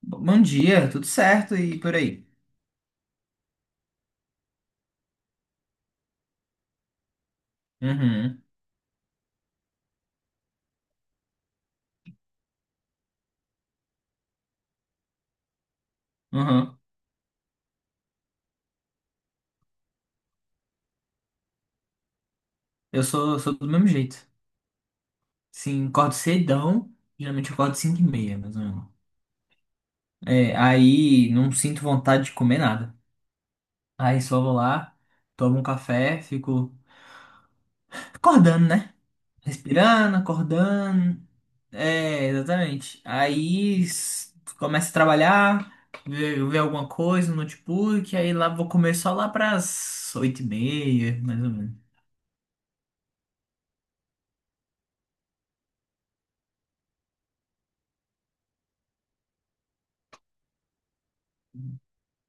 Bom dia, tudo certo e por aí. Uhum, uhum. Eu sou do mesmo jeito. Sim, acordo cedão. Geralmente eu acordo 5:30, mais ou menos. É, aí não sinto vontade de comer nada. Aí só vou lá, tomo um café, fico acordando, né? Respirando, acordando. É, exatamente. Aí começo a trabalhar, ver alguma coisa no notebook, aí lá vou comer só lá pras 8:30, mais ou menos.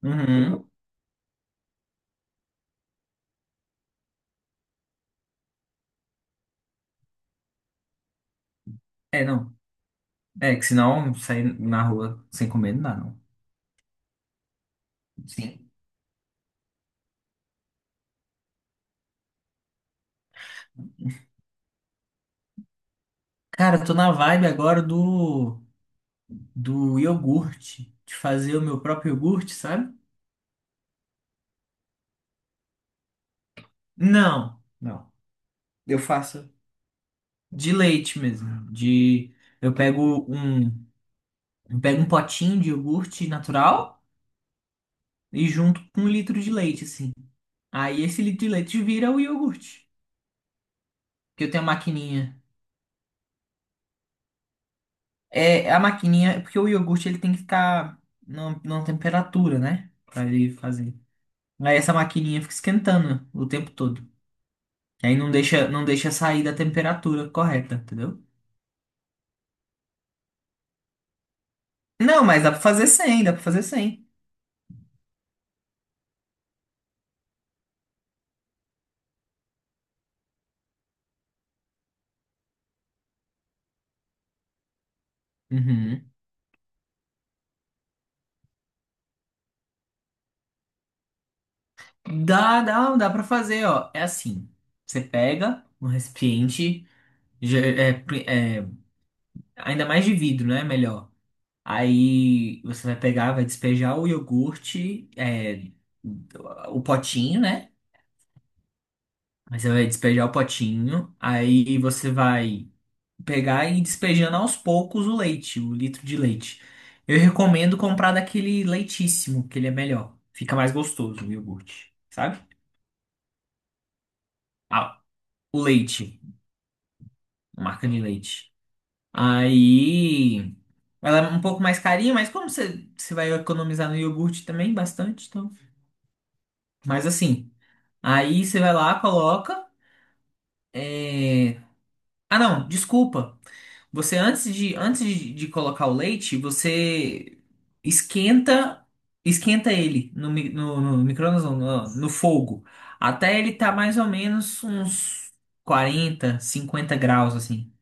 Uhum. É, não. É, que senão sair na rua sem comer não dá, não. Sim. Cara, eu tô na vibe agora do iogurte. De fazer o meu próprio iogurte, sabe? Não, não. Eu faço de leite mesmo. De, eu pego um, eu pego um potinho de iogurte natural e junto com um litro de leite, assim. Aí esse litro de leite vira o iogurte. Que eu tenho a maquininha. É, a maquininha, porque o iogurte ele tem que ficar numa temperatura, né? Pra ele fazer. Aí essa maquininha fica esquentando o tempo todo. Aí não deixa sair da temperatura correta, entendeu? Não, mas dá pra fazer 100, dá pra fazer 100. Uhum. Dá pra fazer, ó. É assim. Você pega um recipiente, ge- é, pri- é, ainda mais de vidro, né? Melhor. Aí você vai pegar, vai despejar o iogurte, o potinho, né? Aí você vai despejar o potinho. Aí você vai pegar e ir despejando aos poucos o leite, o litro de leite. Eu recomendo comprar daquele leitíssimo, que ele é melhor. Fica mais gostoso o iogurte, sabe? Ah, o leite, a marca de leite. Aí, ela é um pouco mais carinha, mas você vai economizar no iogurte também bastante, então. Mas assim, aí você vai lá, coloca. é, Ah, não, desculpa. Você antes de colocar o leite, você esquenta esquenta ele no micro-ondas, não, no fogo, até ele tá mais ou menos uns 40 a 50 graus assim.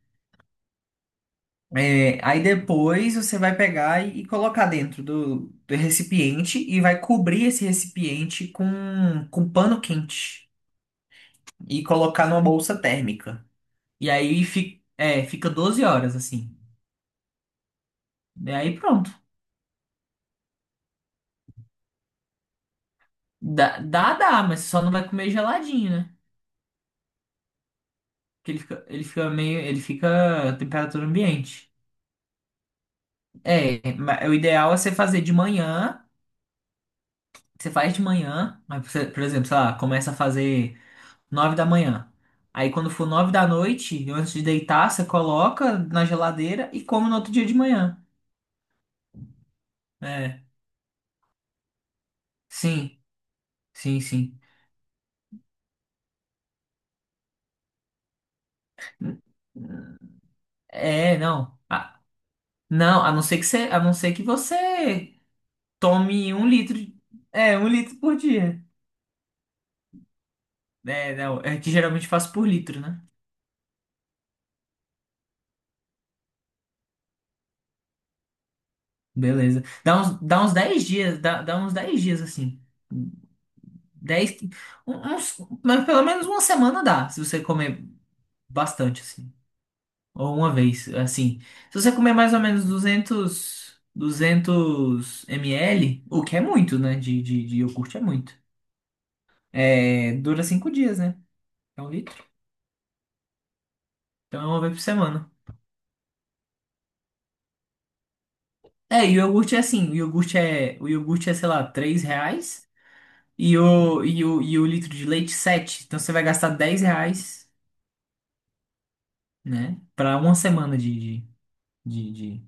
É, aí depois você vai pegar e colocar dentro do recipiente e vai cobrir esse recipiente com pano quente e colocar numa bolsa térmica. E aí fica 12 horas assim. E aí pronto. Dá, mas só não vai comer geladinho, né? Porque ele fica meio. Ele fica a temperatura ambiente. O ideal é você fazer de manhã. Você faz de manhã, mas você, por exemplo, sei lá, começa a fazer 9 da manhã. Aí quando for 9 da noite, antes de deitar, você coloca na geladeira e come no outro dia de manhã. É, sim, sim. É, não. Ah, não, a não ser que você tome um litro, de- é, um litro por dia. É, não, é que geralmente faço por litro, né? Beleza. Dá uns 10 dias, dá uns 10 dias assim. Dez que- um- uns, mas pelo menos uma semana dá, se você comer bastante assim. Ou uma vez, assim. Se você comer mais ou menos 200 ml, o que é muito, né? De iogurte é muito. É, dura 5 dias, né? É um litro. Então é uma vez por semana. É, e o iogurte é assim, o iogurte é, sei lá, R$ 3. E o litro de leite, 7. Então você vai gastar R$ 10, né? Pra uma semana de, de,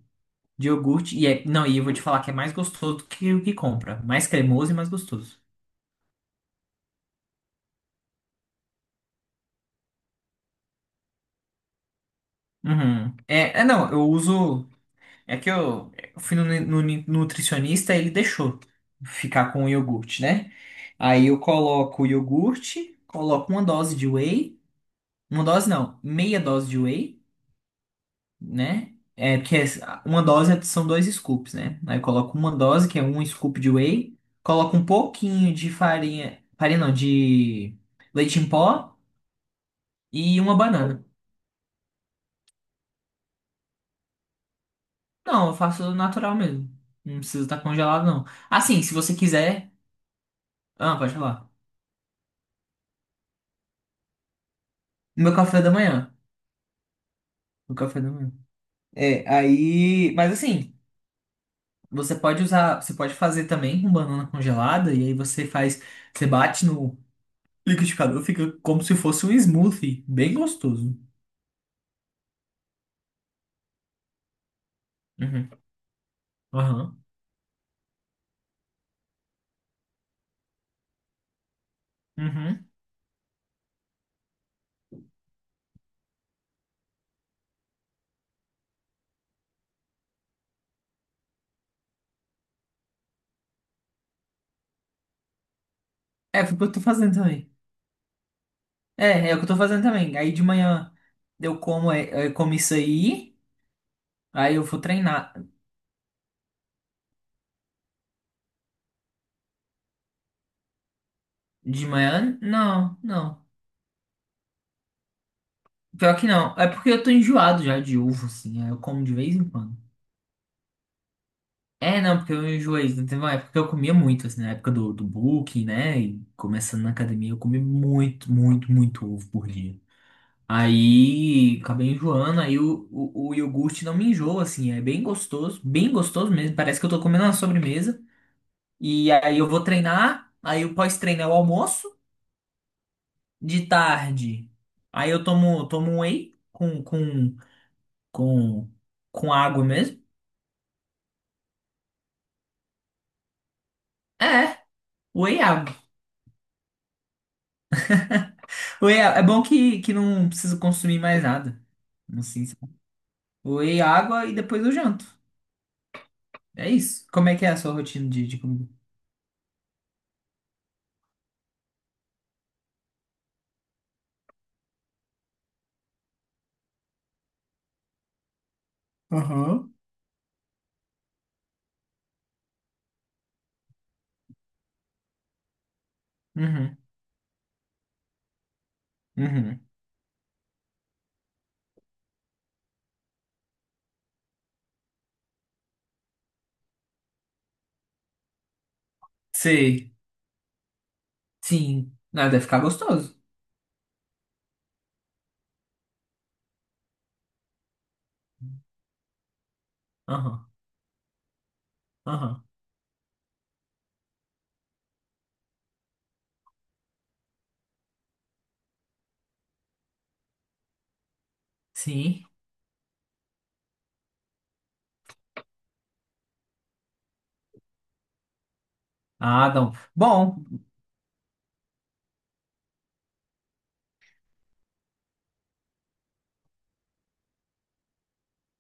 de iogurte. E é, não, e eu vou te falar que é mais gostoso do que o que compra. Mais cremoso e mais gostoso. Uhum. Não, eu uso. É que eu, eu fui no nutricionista, ele deixou ficar com o iogurte, né? Aí eu coloco o iogurte, coloco uma dose de whey. Uma dose não, meia dose de whey. Né? Uma dose são 2 scoops, né? Aí eu coloco uma dose, que é um scoop de whey, coloco um pouquinho de farinha, farinha não, de leite em pó e uma banana. Não, eu faço natural mesmo. Não precisa estar congelado, não. Assim, se você quiser. Ah, pode falar. Meu café da manhã. Meu café da manhã. É, aí. Mas assim, você pode usar. Você pode fazer também com banana congelada, e aí você faz. Você bate no liquidificador, fica como se fosse um smoothie, bem gostoso. Uhum. Aham. Uhum. É, foi o que eu tô fazendo também. É o que eu tô fazendo também. Aí de manhã eu como, eu como isso aí, aí eu vou treinar. De manhã, não, não. Pior que não. É porque eu tô enjoado já de uva, assim. Aí eu como de vez em quando. É, não, porque eu enjoei. Não teve uma época que eu comia muito, assim, na época do bulking, né? E começando na academia, eu comi muito ovo por dia. Aí acabei enjoando, aí o iogurte não me enjoa, assim, é bem gostoso mesmo. Parece que eu tô comendo uma sobremesa. E aí eu vou treinar, aí o pós-treino é o almoço, de tarde. Aí eu tomo um whey com, com água mesmo. É, whey e água. Whey é é bom que não preciso consumir mais nada. Assim, sabe? Whey, água e depois eu janto. É isso. Como é que é a sua rotina de comida? Aham. Uhum, uhum. Sei. Sim. Ah, deve ficar gostoso. Aham, aham. Sim. Ah, não. Bom.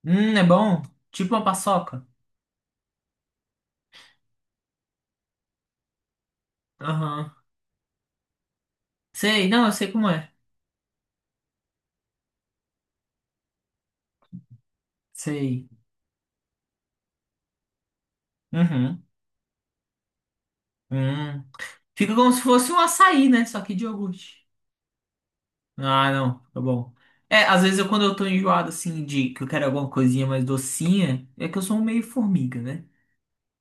É bom. Tipo uma paçoca. Aham. Sei, não, eu sei como é. Sei. Uhum. Hum. Fica como se fosse um açaí, né? Só que de iogurte. Ah, não, tá bom. É, às vezes eu, quando eu tô enjoado, assim, de que eu quero alguma coisinha mais docinha, é que eu sou um meio formiga, né?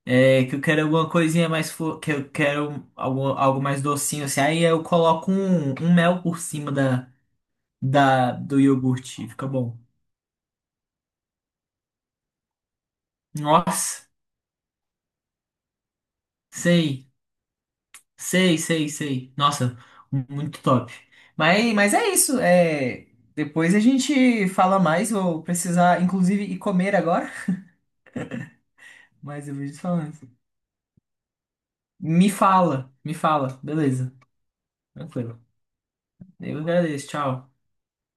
É, que eu quero alguma coisinha mais, que eu quero algo mais docinho, assim, aí eu coloco um mel por cima da, do iogurte. Fica bom. Nossa, sei, sei. Nossa, muito top. Mas é isso. É, depois a gente fala mais. Vou precisar, inclusive, ir comer agora. Mas eu vou te falando. Me fala. Beleza, tranquilo. Eu agradeço, tchau.